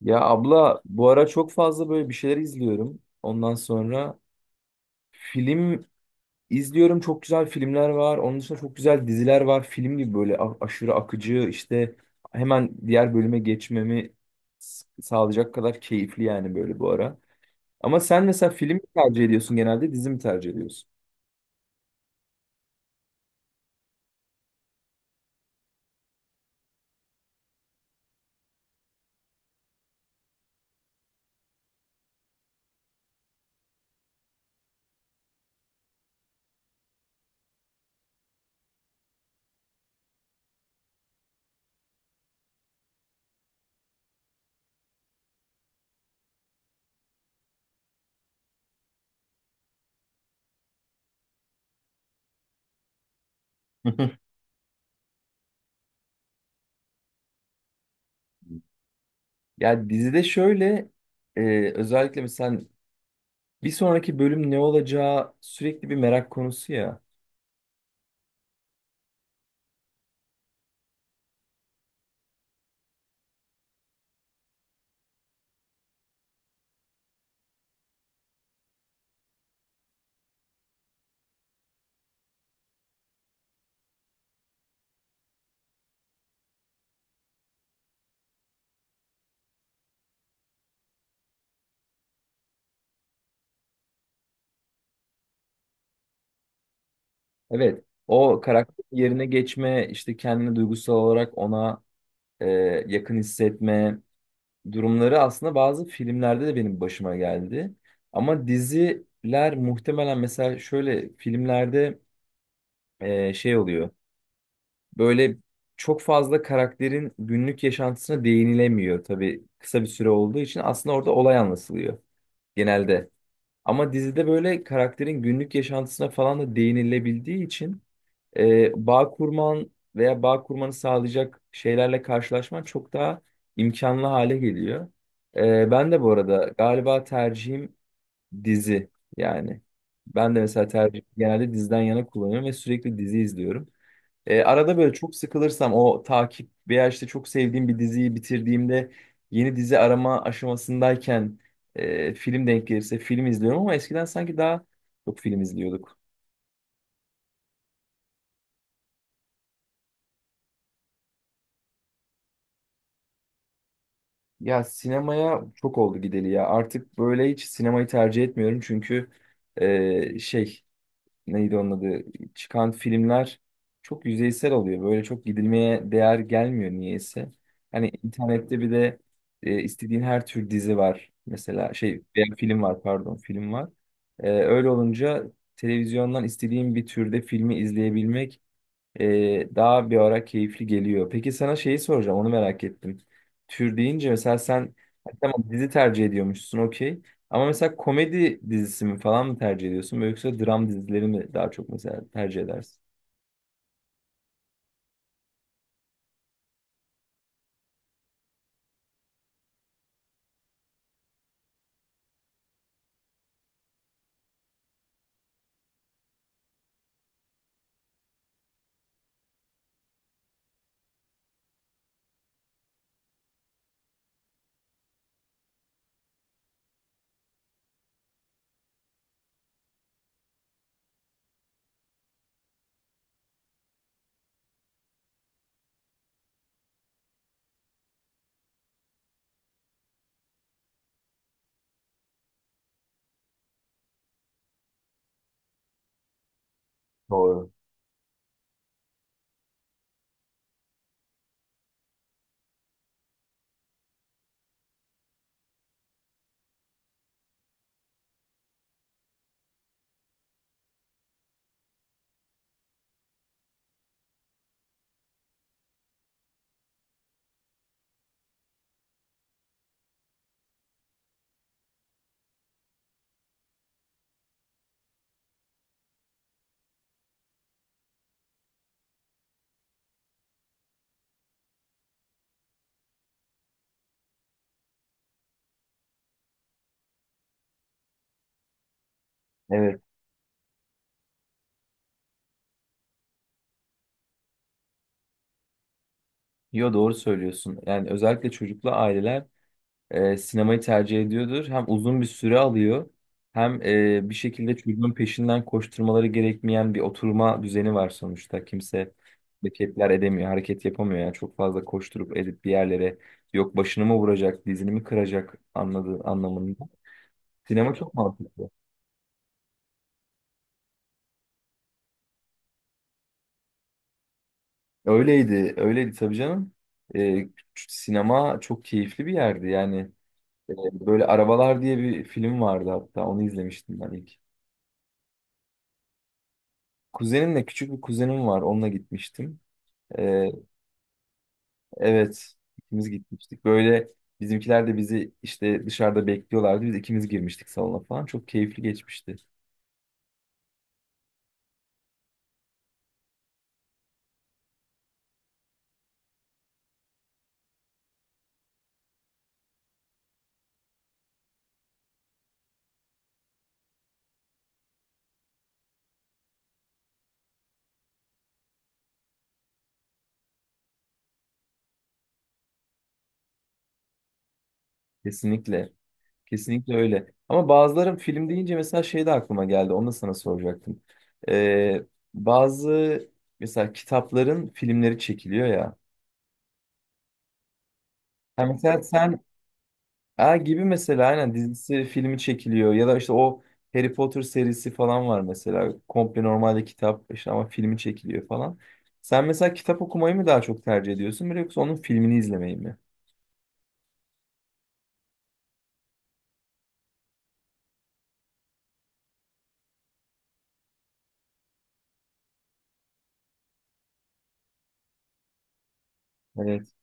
Ya abla bu ara çok fazla böyle bir şeyler izliyorum. Ondan sonra film izliyorum. Çok güzel filmler var. Onun dışında çok güzel diziler var. Film gibi böyle aşırı akıcı işte hemen diğer bölüme geçmemi sağlayacak kadar keyifli yani böyle bu ara. Ama sen mesela film mi tercih ediyorsun genelde dizi mi tercih ediyorsun? Ya dizide şöyle özellikle mesela bir sonraki bölüm ne olacağı sürekli bir merak konusu ya. Evet, o karakter yerine geçme, işte kendini duygusal olarak ona e, yakın hissetme durumları aslında bazı filmlerde de benim başıma geldi. Ama diziler muhtemelen mesela şöyle filmlerde şey oluyor. Böyle çok fazla karakterin günlük yaşantısına değinilemiyor tabii kısa bir süre olduğu için aslında orada olay anlatılıyor genelde. Ama dizide böyle karakterin günlük yaşantısına falan da değinilebildiği için bağ kurman veya bağ kurmanı sağlayacak şeylerle karşılaşman çok daha imkanlı hale geliyor. Ben de bu arada galiba tercihim dizi yani. Ben de mesela tercih genelde diziden yana kullanıyorum ve sürekli dizi izliyorum. Arada böyle çok sıkılırsam o takip veya işte çok sevdiğim bir diziyi bitirdiğimde yeni dizi arama aşamasındayken film denk gelirse film izliyorum ama eskiden sanki daha çok film izliyorduk. Ya sinemaya çok oldu gideli ya. Artık böyle hiç sinemayı tercih etmiyorum çünkü şey neydi onun adı çıkan filmler çok yüzeysel oluyor. Böyle çok gidilmeye değer gelmiyor niyeyse. Hani internette bir de istediğin her tür dizi var. Mesela şey veya film var pardon film var. Öyle olunca televizyondan istediğin bir türde filmi izleyebilmek daha bir ara keyifli geliyor. Peki sana şeyi soracağım, onu merak ettim. Tür deyince mesela sen hani tamam dizi tercih ediyormuşsun okey. Ama mesela komedi dizisi mi falan mı tercih ediyorsun? Yoksa dram dizileri mi daha çok mesela tercih edersin? Doğru. Evet. Yo doğru söylüyorsun. Yani özellikle çocuklu aileler sinemayı tercih ediyordur. Hem uzun bir süre alıyor hem bir şekilde çocuğun peşinden koşturmaları gerekmeyen bir oturma düzeni var sonuçta. Kimse hareketler edemiyor, hareket yapamıyor. Yani çok fazla koşturup edip bir yerlere yok başını mı vuracak, dizini mi kıracak anladığı anlamında. Sinema çok mantıklı. Öyleydi, öyleydi tabii canım. E, Sinema çok keyifli bir yerdi yani. E, Böyle Arabalar diye bir film vardı hatta onu izlemiştim ben ilk. Kuzenimle küçük bir kuzenim var. Onunla gitmiştim. Ee, evet, ikimiz gitmiştik. Böyle bizimkiler de bizi işte dışarıda bekliyorlardı. Biz ikimiz girmiştik salona falan. Çok keyifli geçmişti. Kesinlikle. Kesinlikle öyle. Ama bazıları film deyince mesela şey de aklıma geldi. Onu da sana soracaktım. Ee, bazı mesela kitapların filmleri çekiliyor ya. Ha, mesela sen Ha gibi mesela aynen dizisi filmi çekiliyor ya da işte o Harry Potter serisi falan var mesela komple normalde kitap işte ama filmi çekiliyor falan. Sen mesela kitap okumayı mı daha çok tercih ediyorsun böyle yoksa onun filmini izlemeyi mi? Evet.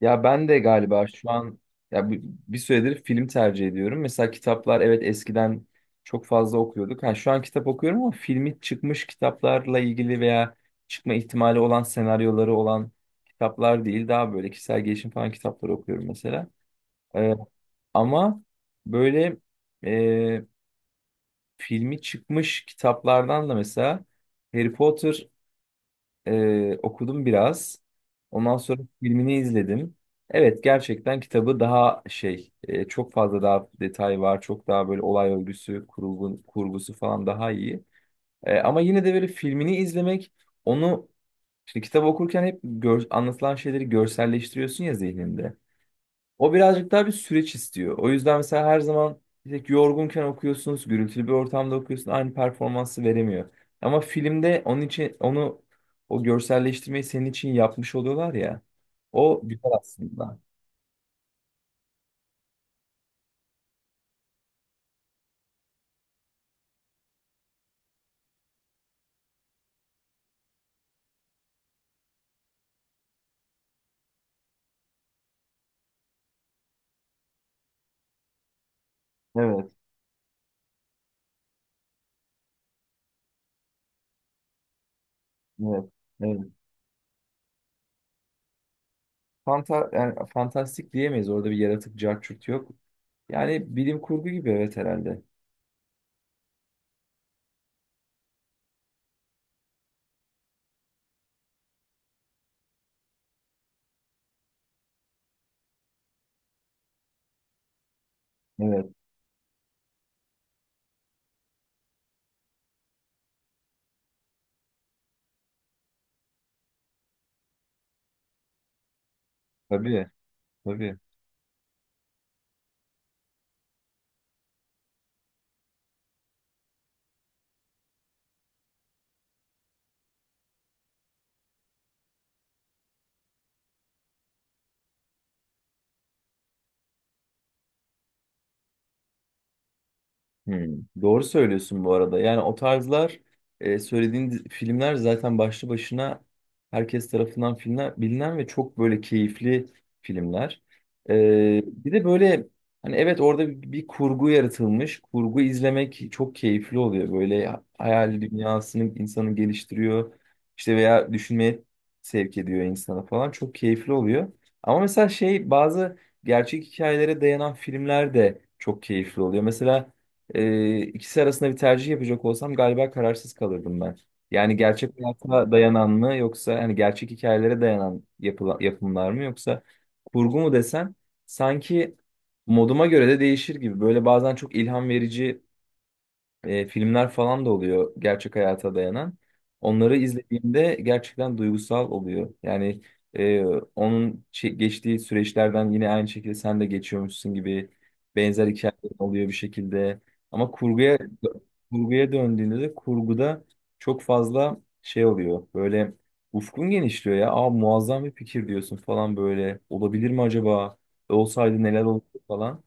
Ya ben de galiba şu an ya bu- bir süredir film tercih ediyorum. Mesela kitaplar evet eskiden çok fazla okuyorduk. Ha, şu an kitap okuyorum ama filmi çıkmış kitaplarla ilgili veya çıkma ihtimali olan senaryoları olan kitaplar değil daha böyle kişisel gelişim falan kitapları okuyorum mesela. Ee, ama böyle e, filmi çıkmış kitaplardan da mesela Harry Potter okudum biraz. Ondan sonra filmini izledim. Evet gerçekten kitabı daha şey çok fazla daha detay var. Çok daha böyle olay örgüsü, kurgu, kurgusu falan daha iyi. Ama yine de böyle filmini izlemek onu şimdi kitap okurken hep anlatılan şeyleri görselleştiriyorsun ya zihninde. O birazcık daha bir süreç istiyor. O yüzden mesela her zaman tek yorgunken okuyorsunuz, gürültülü bir ortamda okuyorsun, aynı performansı veremiyor. Ama filmde onun için onu o görselleştirmeyi senin için yapmış oluyorlar ya. O güzel aslında. Evet, evet, evet. Fanta yani fantastik diyemeyiz. Orada bir yaratık cart yok. Yani bilim kurgu gibi evet herhalde. Evet, tabii, tabii. Hmm. Doğru söylüyorsun bu arada. Yani o tarzlar söylediğin filmler zaten başlı başına herkes tarafından filmler, bilinen ve çok böyle keyifli filmler. E, Bir de böyle hani evet orada bir kurgu yaratılmış. Kurgu izlemek çok keyifli oluyor. Böyle hayal dünyasını insanı geliştiriyor. İşte veya düşünmeye sevk ediyor insana falan. Çok keyifli oluyor. Ama mesela şey bazı gerçek hikayelere dayanan filmler de çok keyifli oluyor. Mesela ikisi arasında bir tercih yapacak olsam galiba kararsız kalırdım ben. Yani gerçek hayata dayanan mı yoksa hani gerçek hikayelere dayanan yapımlar mı yoksa kurgu mu desen sanki moduma göre de değişir gibi. Böyle bazen çok ilham verici filmler falan da oluyor gerçek hayata dayanan. Onları izlediğimde gerçekten duygusal oluyor. Yani e, onun geçtiği süreçlerden yine aynı şekilde sen de geçiyormuşsun gibi benzer hikayeler oluyor bir şekilde. Ama kurguya döndüğünde de kurguda çok fazla şey oluyor. Böyle ufkun genişliyor ya. Aa muazzam bir fikir diyorsun falan böyle. Olabilir mi acaba? Olsaydı neler olurdu falan.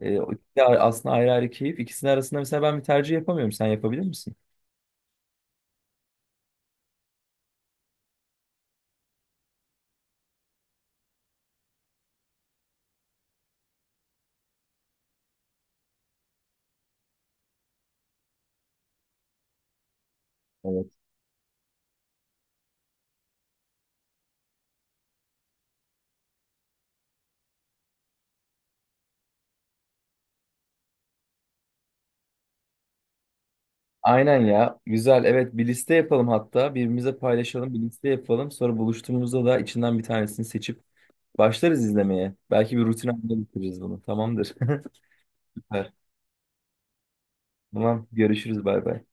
O ikisi de aslında ayrı ayrı keyif. İkisinin arasında mesela ben bir tercih yapamıyorum. Sen yapabilir misin? Evet. Aynen ya. Güzel. Evet bir liste yapalım hatta. Birbirimize paylaşalım. Bir liste yapalım. Sonra buluştuğumuzda da içinden bir tanesini seçip başlarız izlemeye. Belki bir rutin haline getiririz bunu. Tamamdır. Süper. Tamam. Görüşürüz. Bay bay.